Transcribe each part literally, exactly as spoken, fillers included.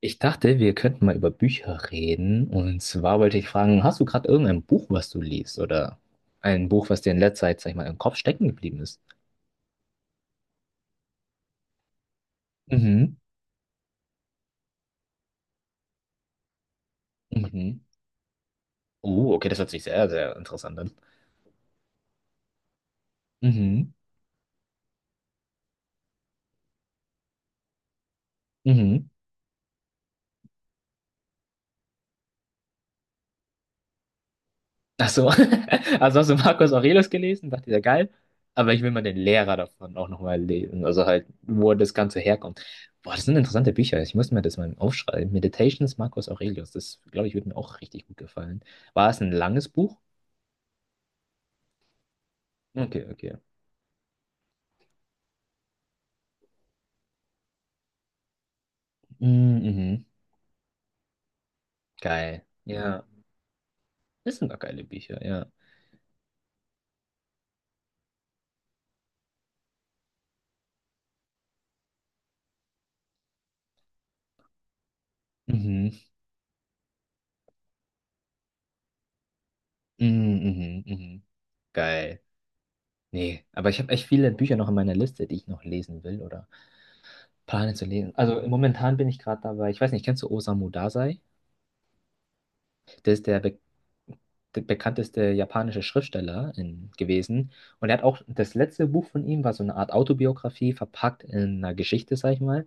Ich dachte, wir könnten mal über Bücher reden. Und zwar wollte ich fragen, hast du gerade irgendein Buch, was du liest? Oder ein Buch, was dir in letzter Zeit, sag ich mal, im Kopf stecken geblieben ist? Mhm. Mhm. Oh, okay, das hört sich sehr, sehr interessant an. Mhm. Mhm. Ach so. Also hast du Marcus Aurelius gelesen? Dachte ich, ja geil. Aber ich will mal den Lehrer davon auch nochmal lesen. Also halt, wo das Ganze herkommt. Boah, das sind interessante Bücher. Ich muss mir das mal aufschreiben. Meditations Marcus Aurelius. Das, glaube ich, würde mir auch richtig gut gefallen. War es ein langes Buch? Okay, okay. Mm, mhm. Geil. Ja. Das sind doch geile Bücher, ja. Mhm. Mm, mhm. Mhm. Geil. Nee, aber ich habe echt viele Bücher noch in meiner Liste, die ich noch lesen will oder plane zu lesen. Also momentan bin ich gerade dabei, ich weiß nicht, kennst du Osamu Dazai? Der ist der, be der bekannteste japanische Schriftsteller in, gewesen. Und er hat auch, das letzte Buch von ihm war so eine Art Autobiografie, verpackt in einer Geschichte, sag ich mal.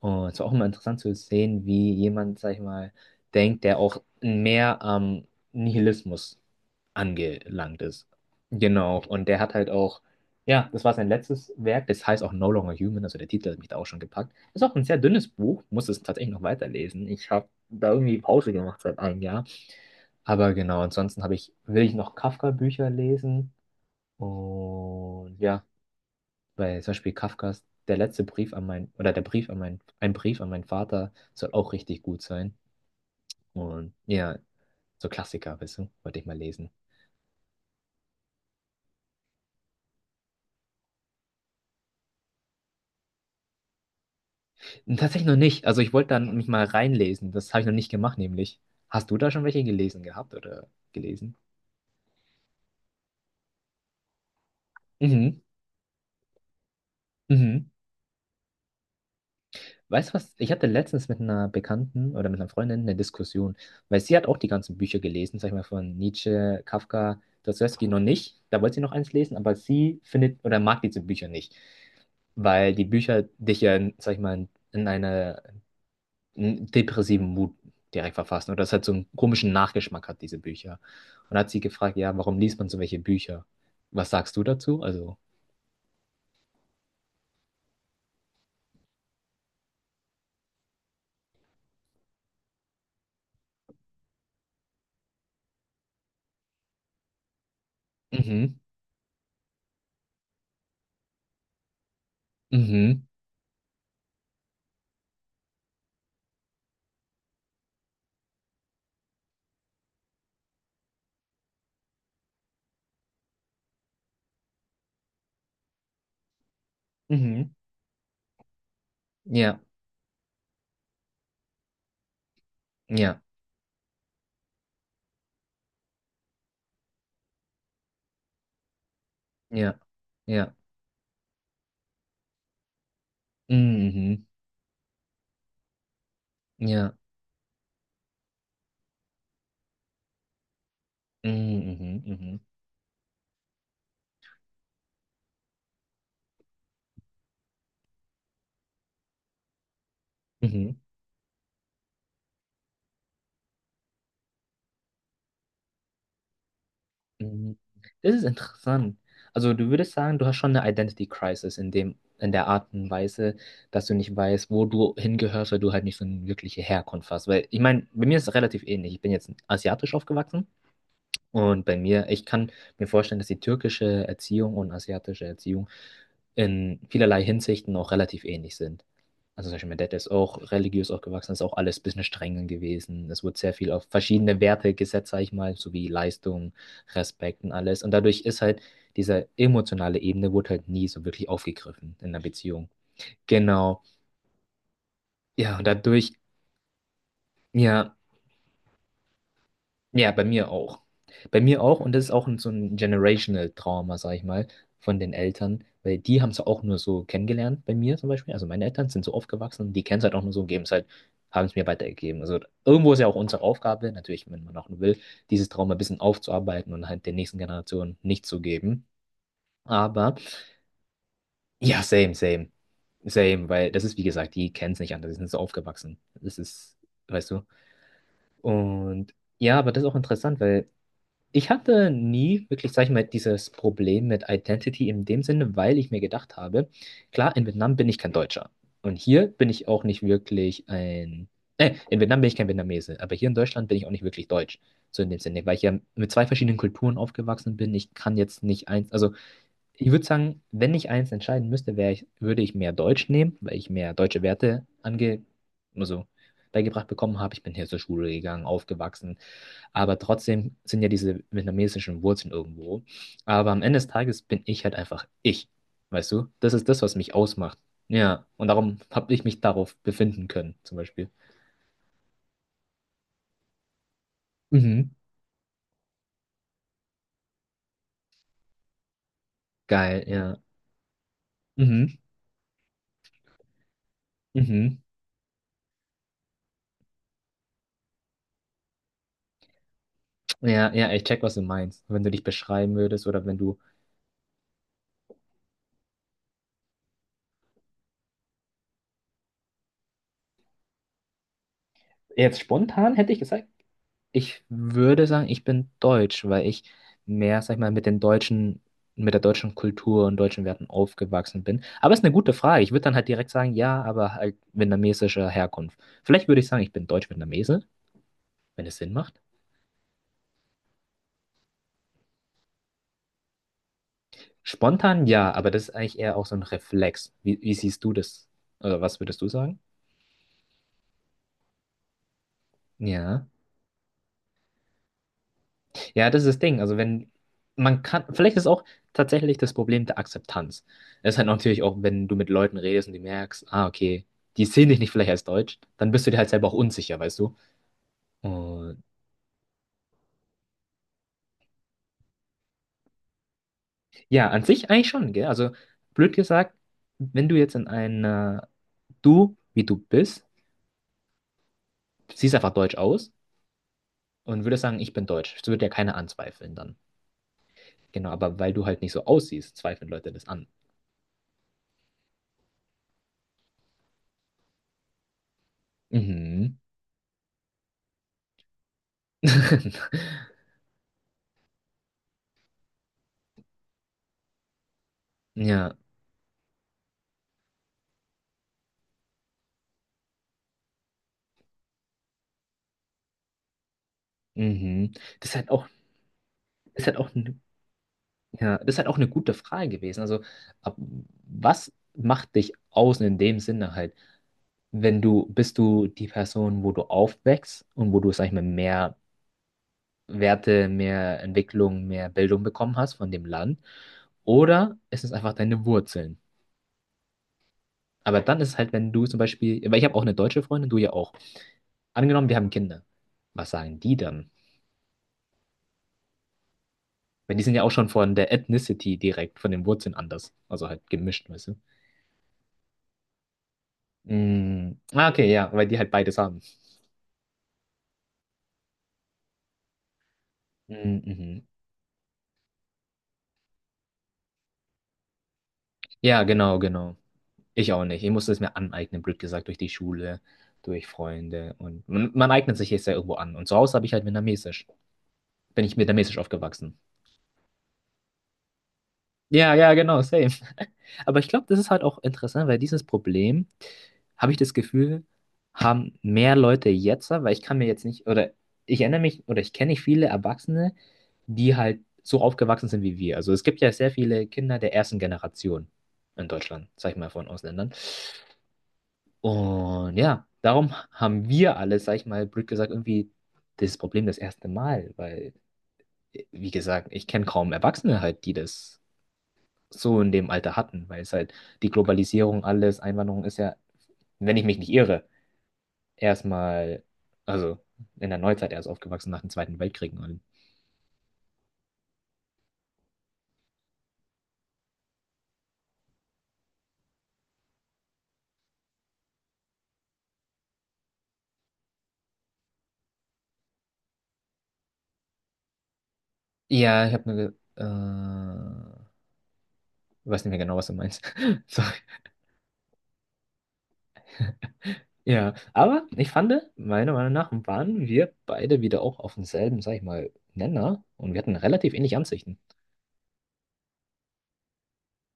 Und es war auch immer interessant zu sehen, wie jemand, sag ich mal, denkt, der auch mehr am Nihilismus angelangt ist. Genau, und der hat halt auch, ja, das war sein letztes Werk, das heißt auch No Longer Human, also der Titel hat mich da auch schon gepackt. Ist auch ein sehr dünnes Buch, muss es tatsächlich noch weiterlesen. Ich habe da irgendwie Pause gemacht seit einem Jahr. Aber genau, ansonsten habe ich, will ich noch Kafka-Bücher lesen und ja. Weil zum Beispiel Kafkas Der letzte Brief an mein, oder der Brief an mein, ein Brief an meinen Vater soll auch richtig gut sein. Und ja, so Klassiker, weißt du, wollte ich mal lesen. Tatsächlich noch nicht. Also ich wollte dann mich mal reinlesen. Das habe ich noch nicht gemacht, nämlich. Hast du da schon welche gelesen gehabt oder gelesen? Mhm. Mhm. Weißt du was? Ich hatte letztens mit einer Bekannten oder mit einer Freundin eine Diskussion, weil sie hat auch die ganzen Bücher gelesen, sag ich mal, von Nietzsche, Kafka, Dostoevsky noch nicht. Da wollte sie noch eins lesen, aber sie findet oder mag diese Bücher nicht, weil die Bücher dich ja, sag ich mal, in einer in depressiven Mut direkt verfassen oder es halt so einen komischen Nachgeschmack hat, diese Bücher. Und hat sie gefragt, ja, warum liest man so welche Bücher? Was sagst du dazu? Also, mhm, mhm, mhm, ja, ja, ja, ja. Mhm. Ja. Mhm. Mhm. Mhm. Mhm. Das ist interessant. Also du würdest sagen, du hast schon eine Identity Crisis in dem, in der Art und Weise, dass du nicht weißt, wo du hingehörst, weil du halt nicht so eine wirkliche Herkunft hast. Weil ich meine, bei mir ist es relativ ähnlich. Ich bin jetzt asiatisch aufgewachsen. Und bei mir, ich kann mir vorstellen, dass die türkische Erziehung und asiatische Erziehung in vielerlei Hinsichten auch relativ ähnlich sind. Also zum Beispiel mein Dad ist auch religiös aufgewachsen, ist auch alles ein bisschen streng gewesen. Es wurde sehr viel auf verschiedene Werte gesetzt, sag ich mal, sowie Leistung, Respekt und alles. Und dadurch ist halt diese emotionale Ebene wurde halt nie so wirklich aufgegriffen in der Beziehung. Genau. Ja, und dadurch, ja. Ja, bei mir auch. Bei mir auch, und das ist auch ein- so ein generational Trauma, sag ich mal, von den Eltern, weil die haben es auch nur so kennengelernt bei mir zum Beispiel. Also meine Eltern sind so aufgewachsen, und die kennen es halt auch nur so und geben es halt, haben es mir weitergegeben. Also irgendwo ist ja auch unsere Aufgabe, natürlich, wenn man auch will, dieses Trauma ein bisschen aufzuarbeiten und halt den nächsten Generationen nicht zu geben. Aber ja, same, same, same, weil das ist, wie gesagt, die kennen es nicht anders, die sind so aufgewachsen. Das ist, weißt du. Und ja, aber das ist auch interessant, weil. Ich hatte nie wirklich, sag ich mal, dieses Problem mit Identity in dem Sinne, weil ich mir gedacht habe, klar, in Vietnam bin ich kein Deutscher. Und hier bin ich auch nicht wirklich ein. Äh, in Vietnam bin ich kein Vietnamese, aber hier in Deutschland bin ich auch nicht wirklich Deutsch. So in dem Sinne, weil ich ja mit zwei verschiedenen Kulturen aufgewachsen bin. Ich kann jetzt nicht eins. Also, ich würde sagen, wenn ich eins entscheiden müsste, wär ich, würde ich mehr Deutsch nehmen, weil ich mehr deutsche Werte ange, also, beigebracht bekommen habe. Ich bin hier zur Schule gegangen, aufgewachsen. Aber trotzdem sind ja diese vietnamesischen Wurzeln irgendwo. Aber am Ende des Tages bin ich halt einfach ich. Weißt du? Das ist das, was mich ausmacht. Ja. Und darum habe ich mich darauf befinden können, zum Beispiel. Mhm. Geil, ja. Mhm. Mhm. Ja, ja, ich check, was du meinst. Wenn du dich beschreiben würdest oder wenn du. Jetzt spontan hätte ich gesagt, ich würde sagen, ich bin deutsch, weil ich mehr, sag ich mal, mit den deutschen, mit der deutschen Kultur und deutschen Werten aufgewachsen bin. Aber es ist eine gute Frage. Ich würde dann halt direkt sagen, ja, aber halt vietnamesischer Herkunft. Vielleicht würde ich sagen, ich bin deutsch-vietnamese, wenn es Sinn macht. Spontan ja, aber das ist eigentlich eher auch so ein Reflex. Wie, wie siehst du das? Oder was würdest du sagen? Ja. Ja, das ist das Ding. Also wenn man kann, vielleicht ist auch tatsächlich das Problem der Akzeptanz. Das ist halt natürlich auch, wenn du mit Leuten redest und die merkst, ah, okay, die sehen dich nicht vielleicht als Deutsch, dann bist du dir halt selber auch unsicher, weißt du? Und ja, an sich eigentlich schon, gell? Also blöd gesagt, wenn du jetzt in einer, du, wie du bist, siehst einfach deutsch aus und würdest sagen, ich bin deutsch. Das würde ja keiner anzweifeln dann. Genau, aber weil du halt nicht so aussiehst, zweifeln Leute das an. Mhm. Ja, mhm. Das ist halt auch Ist halt auch, n- ja, ist halt auch eine gute Frage gewesen. Also, ab, was macht dich aus in dem Sinne halt? Wenn du, bist du die Person, wo du aufwächst und wo du, sag ich mal, mehr Werte, mehr Entwicklung, mehr Bildung bekommen hast von dem Land? Oder ist es einfach deine Wurzeln? Aber dann ist es halt, wenn du zum Beispiel, weil ich habe auch eine deutsche Freundin, du ja auch. Angenommen, wir haben Kinder. Was sagen die dann? Weil die sind ja auch schon von der Ethnicity direkt, von den Wurzeln anders. Also halt gemischt, weißt du? Mm, ah, okay, ja, weil die halt beides haben. Mm, mhm. Ja, genau, genau. Ich auch nicht. Ich musste es mir aneignen, blöd gesagt, durch die Schule, durch Freunde. Und man, man eignet sich jetzt ja irgendwo an. Und zu Hause habe ich halt vietnamesisch. Bin ich vietnamesisch aufgewachsen. Ja, ja, genau, same. Aber ich glaube, das ist halt auch interessant, weil dieses Problem, habe ich das Gefühl, haben mehr Leute jetzt, weil ich kann mir jetzt nicht, oder ich erinnere mich, oder ich kenne nicht viele Erwachsene, die halt so aufgewachsen sind wie wir. Also es gibt ja sehr viele Kinder der ersten Generation in Deutschland, sag ich mal, von Ausländern. Und ja, darum haben wir alle, sag ich mal, blöd gesagt, irgendwie das Problem das erste Mal, weil, wie gesagt, ich kenne kaum Erwachsene halt, die das so in dem Alter hatten, weil es halt die Globalisierung, alles, Einwanderung ist ja, wenn ich mich nicht irre, erstmal, also in der Neuzeit erst aufgewachsen nach dem Zweiten Weltkrieg. Und allem. Ja, ich habe nur, äh, weiß nicht mehr genau, was du meinst. Sorry. Ja, aber ich fand, meiner Meinung nach waren wir beide wieder auch auf demselben, sag ich mal, Nenner und wir hatten relativ ähnliche Ansichten.